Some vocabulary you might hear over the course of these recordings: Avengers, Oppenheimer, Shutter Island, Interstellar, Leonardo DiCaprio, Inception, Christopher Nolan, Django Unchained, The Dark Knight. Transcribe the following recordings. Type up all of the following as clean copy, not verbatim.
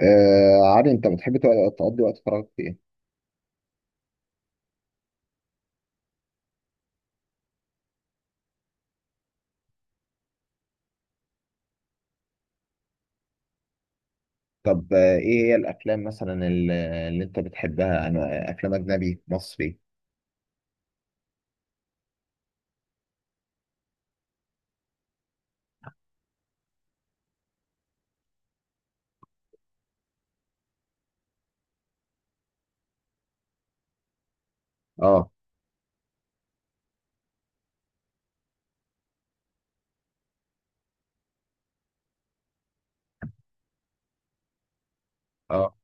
عادي انت بتحب تقضي وقت فراغك في ايه؟ طب ايه هي الافلام مثلا اللي انت بتحبها؟ انا افلام اجنبي مصري. اه اه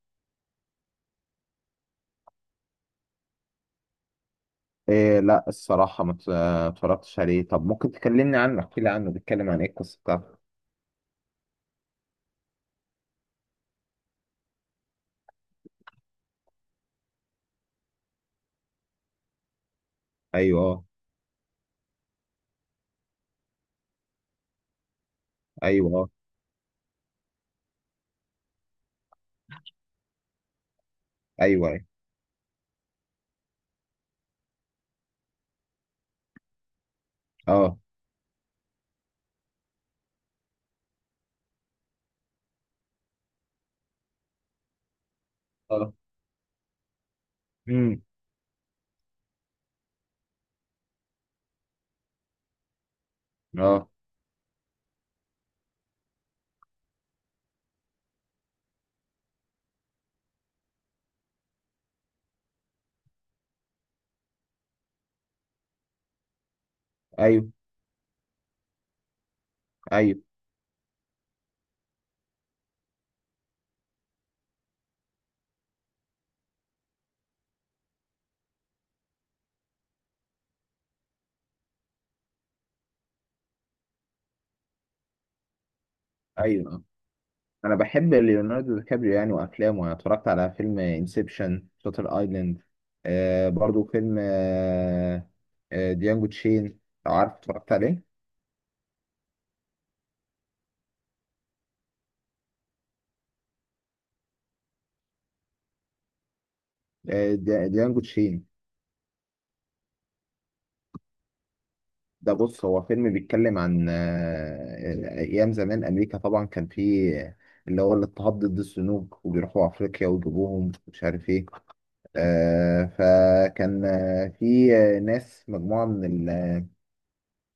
إيه، لا الصراحة ما ت- آه، اتفرجتش عليه. طب ممكن تكلمني عنه، احكي لي عنه، بيتكلم عن ايه القصة بتاعته؟ ايوه اه ايوه اه ايوه ايوه اه اه امم، اه ايوه ايوه ايوه انا بحب ليوناردو دي كابريو يعني، وافلامه. انا اتفرجت على فيلم انسبشن، شاتر ايلاند، برضو فيلم ديانجو تشين، لو عارف. اتفرجت عليه؟ ديانجو تشين ده، بص، هو فيلم بيتكلم عن ايام زمان. امريكا طبعا كان فيه اللي هو الاضطهاد ضد السنوك، وبيروحوا افريقيا ويجيبوهم، مش عارف ايه. فكان آه، في آه، ناس، مجموعة من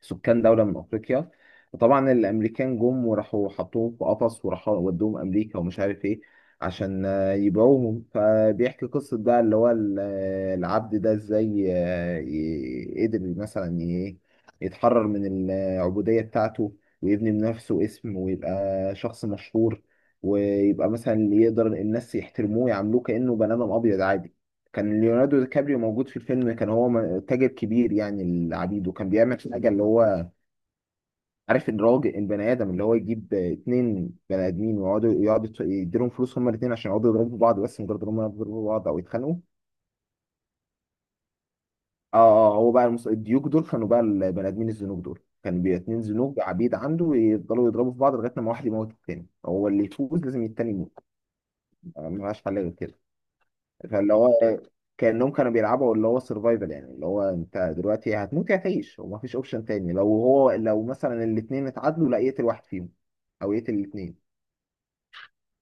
سكان دولة من أفريقيا، وطبعا الأمريكان جم وراحوا حطوهم في قفص وراحوا ودوهم أمريكا ومش عارف إيه، عشان يبيعوهم. فبيحكي قصة بقى اللي هو العبد ده إزاي قدر مثلا يتحرر من العبودية بتاعته، ويبني بنفسه اسم، ويبقى شخص مشهور، ويبقى مثلا اللي يقدر الناس يحترموه، يعاملوه كأنه بني آدم أبيض عادي. كان ليوناردو دي كابريو موجود في الفيلم، كان هو تاجر كبير يعني العبيد، وكان بيعمل حاجه اللي هو، عارف الراجل البني ادم اللي هو يجيب اتنين بني ادمين ويقعدوا يديلهم فلوس هما الاتنين عشان يقعدوا يضربوا بعض، بس مجرد ان هما يضربوا بعض او يتخانقوا. هو بقى المس... الديوك دول كانوا بقى، البني ادمين الزنوج دول كانوا بي اتنين زنوج عبيد عنده، يفضلوا يضربوا في بعض لغايه لما واحد يموت. التاني هو اللي يفوز، لازم التاني يموت، ما لهاش حل غير كده. فاللي هو كأنهم كانوا بيلعبوا اللي هو سرفايفل، يعني اللي هو انت دلوقتي هتموت يا هتعيش، ومفيش اوبشن تاني. لو هو لو مثلا الاثنين اتعادلوا، لا يقتل واحد فيهم او يقتل الاثنين.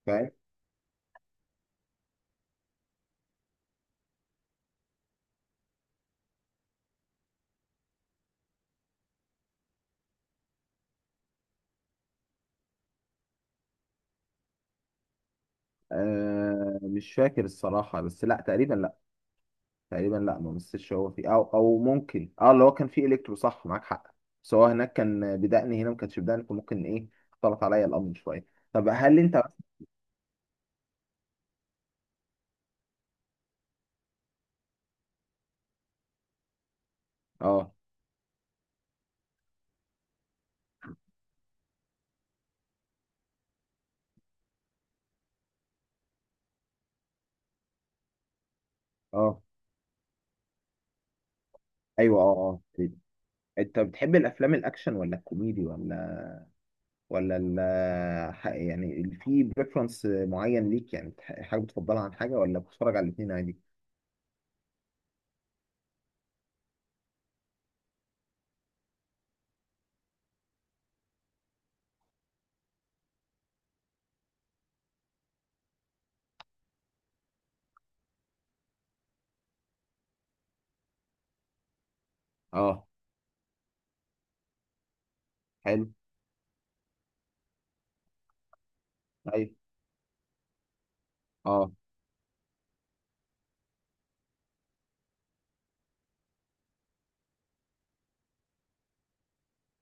فاهم؟ مش فاكر الصراحة، بس لا تقريبا، لا تقريبا لا ما مسش. هو فيه او ممكن، اه، اللي هو كان فيه الكترو، صح معاك حق. بس هو هناك كان بدقن، هنا ما كانش بدقن، فممكن ايه، اختلط عليا الامر شوية. طب هل انت، اه اه ايوه اه تقريباً. انت بتحب الافلام الاكشن ولا الكوميدي، يعني في بريفرنس معين ليك، يعني حاجه بتفضلها عن حاجه، ولا بتتفرج على الاثنين عادي؟ اه حلو. ايوه اه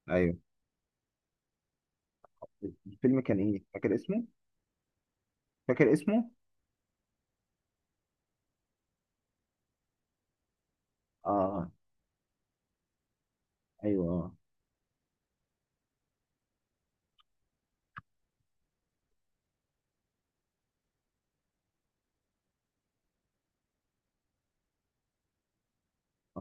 ايوه الفيلم كان ايه؟ فاكر اسمه؟ فاكر اسمه؟ اه ايوه اه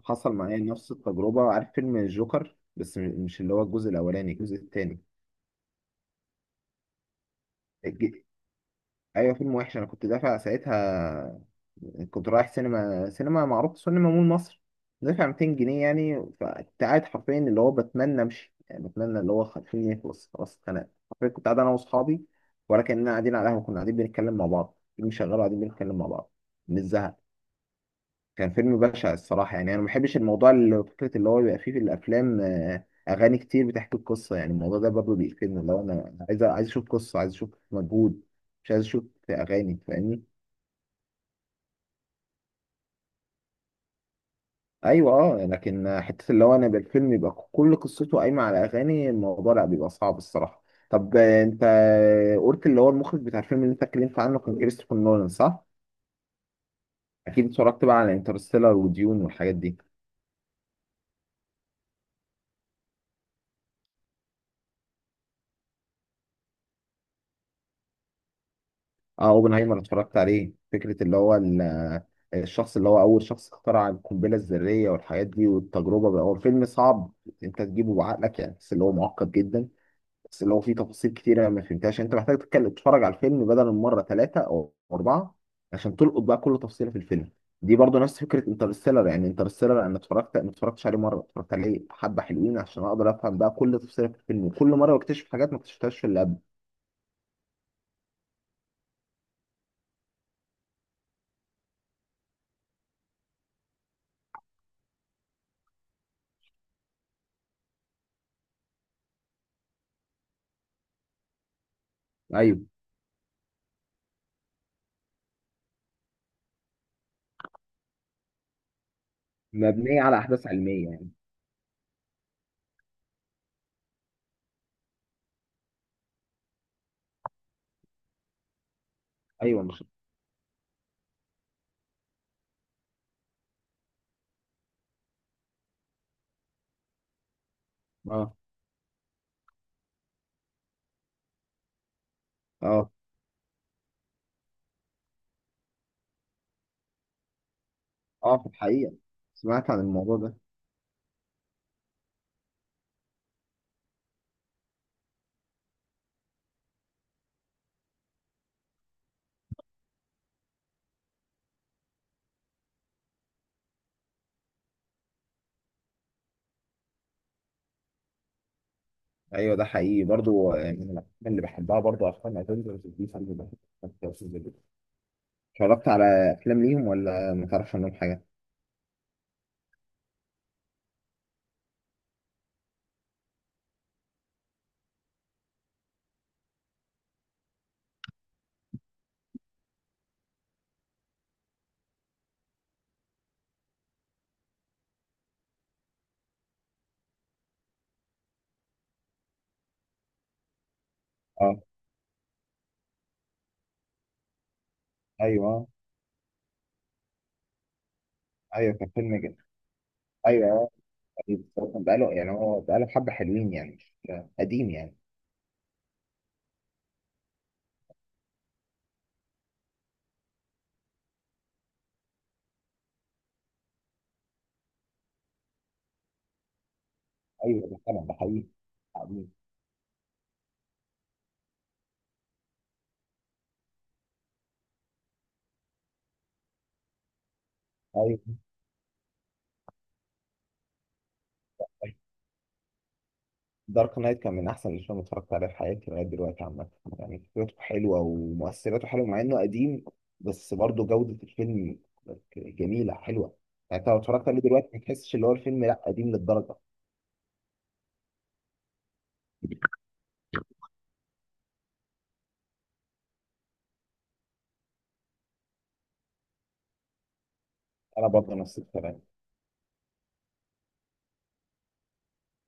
حصل معايا نفس التجربه. عارف فيلم الجوكر، مش اللي هو الجزء الاولاني، الجزء الثاني. ايوه فيلم وحش. انا كنت دافع ساعتها، كنت رايح سينما معروف، سينما مول مصر، دافع 200 جنيه يعني. فكنت قاعد حرفيا اللي هو بتمنى امشي، يعني بتمنى اللي هو خليني يخلص خلاص، اتخنقت حرفيا. كنت قاعد انا واصحابي ولا كاننا قاعدين على قهوه، كنا قاعدين بنتكلم مع بعض، فيلم شغال وقاعدين بنتكلم مع بعض من الزهق. كان فيلم بشع الصراحه. يعني انا ما بحبش الموضوع اللي فكره اللي هو بيبقى فيه في الافلام اغاني كتير بتحكي القصه، يعني الموضوع ده برضه بيقفلني. اللي هو انا عايز اشوف قصه، عايز اشوف مجهود، مش عايز اشوف اغاني، فاهمني؟ ايوه اه لكن حته اللي هو انا يبقى الفيلم يبقى كل قصته قايمه على اغاني، الموضوع لا، بيبقى صعب الصراحه. طب انت قلت اللي هو المخرج بتاع الفيلم اللي انت اتكلمت عنه كان كريستوفر نولان، صح؟ اكيد اتفرجت بقى على انترستيلر وديون والحاجات دي. اه، اوبنهايمر اتفرجت عليه. فكره اللي هو الشخص اللي هو اول شخص اخترع القنبله الذريه والحاجات دي والتجربه بقى. هو فيلم صعب، انت تجيبه بعقلك يعني، بس اللي هو معقد جدا. بس لو في تفاصيل كتيرة أنا ما فهمتهاش، يعني انت محتاج تتفرج على الفيلم بدل من مرة، ثلاثة او اربعة، عشان تلقط بقى كل تفصيلة في الفيلم. دي برضو نفس فكرة انترستيلر. يعني انترستيلر انا ما اتفرجتش عليه مرة، اتفرجت عليه حبة حلوين عشان اقدر افهم بقى كل تفصيلة في الفيلم، وكل مرة بكتشف حاجات ما اكتشفتهاش في اللي قبل. ايوه، مبنية على احداث علمية يعني. ايوه مش، اه اه اه في الحقيقة سمعت عن الموضوع ده. ايوه ده حقيقي برضو. من الافلام اللي بحبها برضو افلام افنجرز دي. فيلم اتفرجت على افلام ليهم ولا ما تعرفش عنهم حاجه؟ اه ايوه ايوه كان فيلم جدا، ايوه ايوه. بس هو كان بقاله يعني، هو بقاله حبه حلوين يعني، مش قديم يعني. ايوه ده فعلا، ده حقيقي قديم. ايوه، دارك نايت كان من احسن الافلام اللي اتفرجت عليها في حياتي لغايه دلوقتي عامه. يعني فكرته حلوه ومؤثراته حلوه مع انه قديم، بس برضه جوده الفيلم جميله حلوه. يعني انت لو اتفرجت عليه دلوقتي ما تحسش اللي هو الفيلم لا قديم للدرجه. انا برضه نفس الكلام.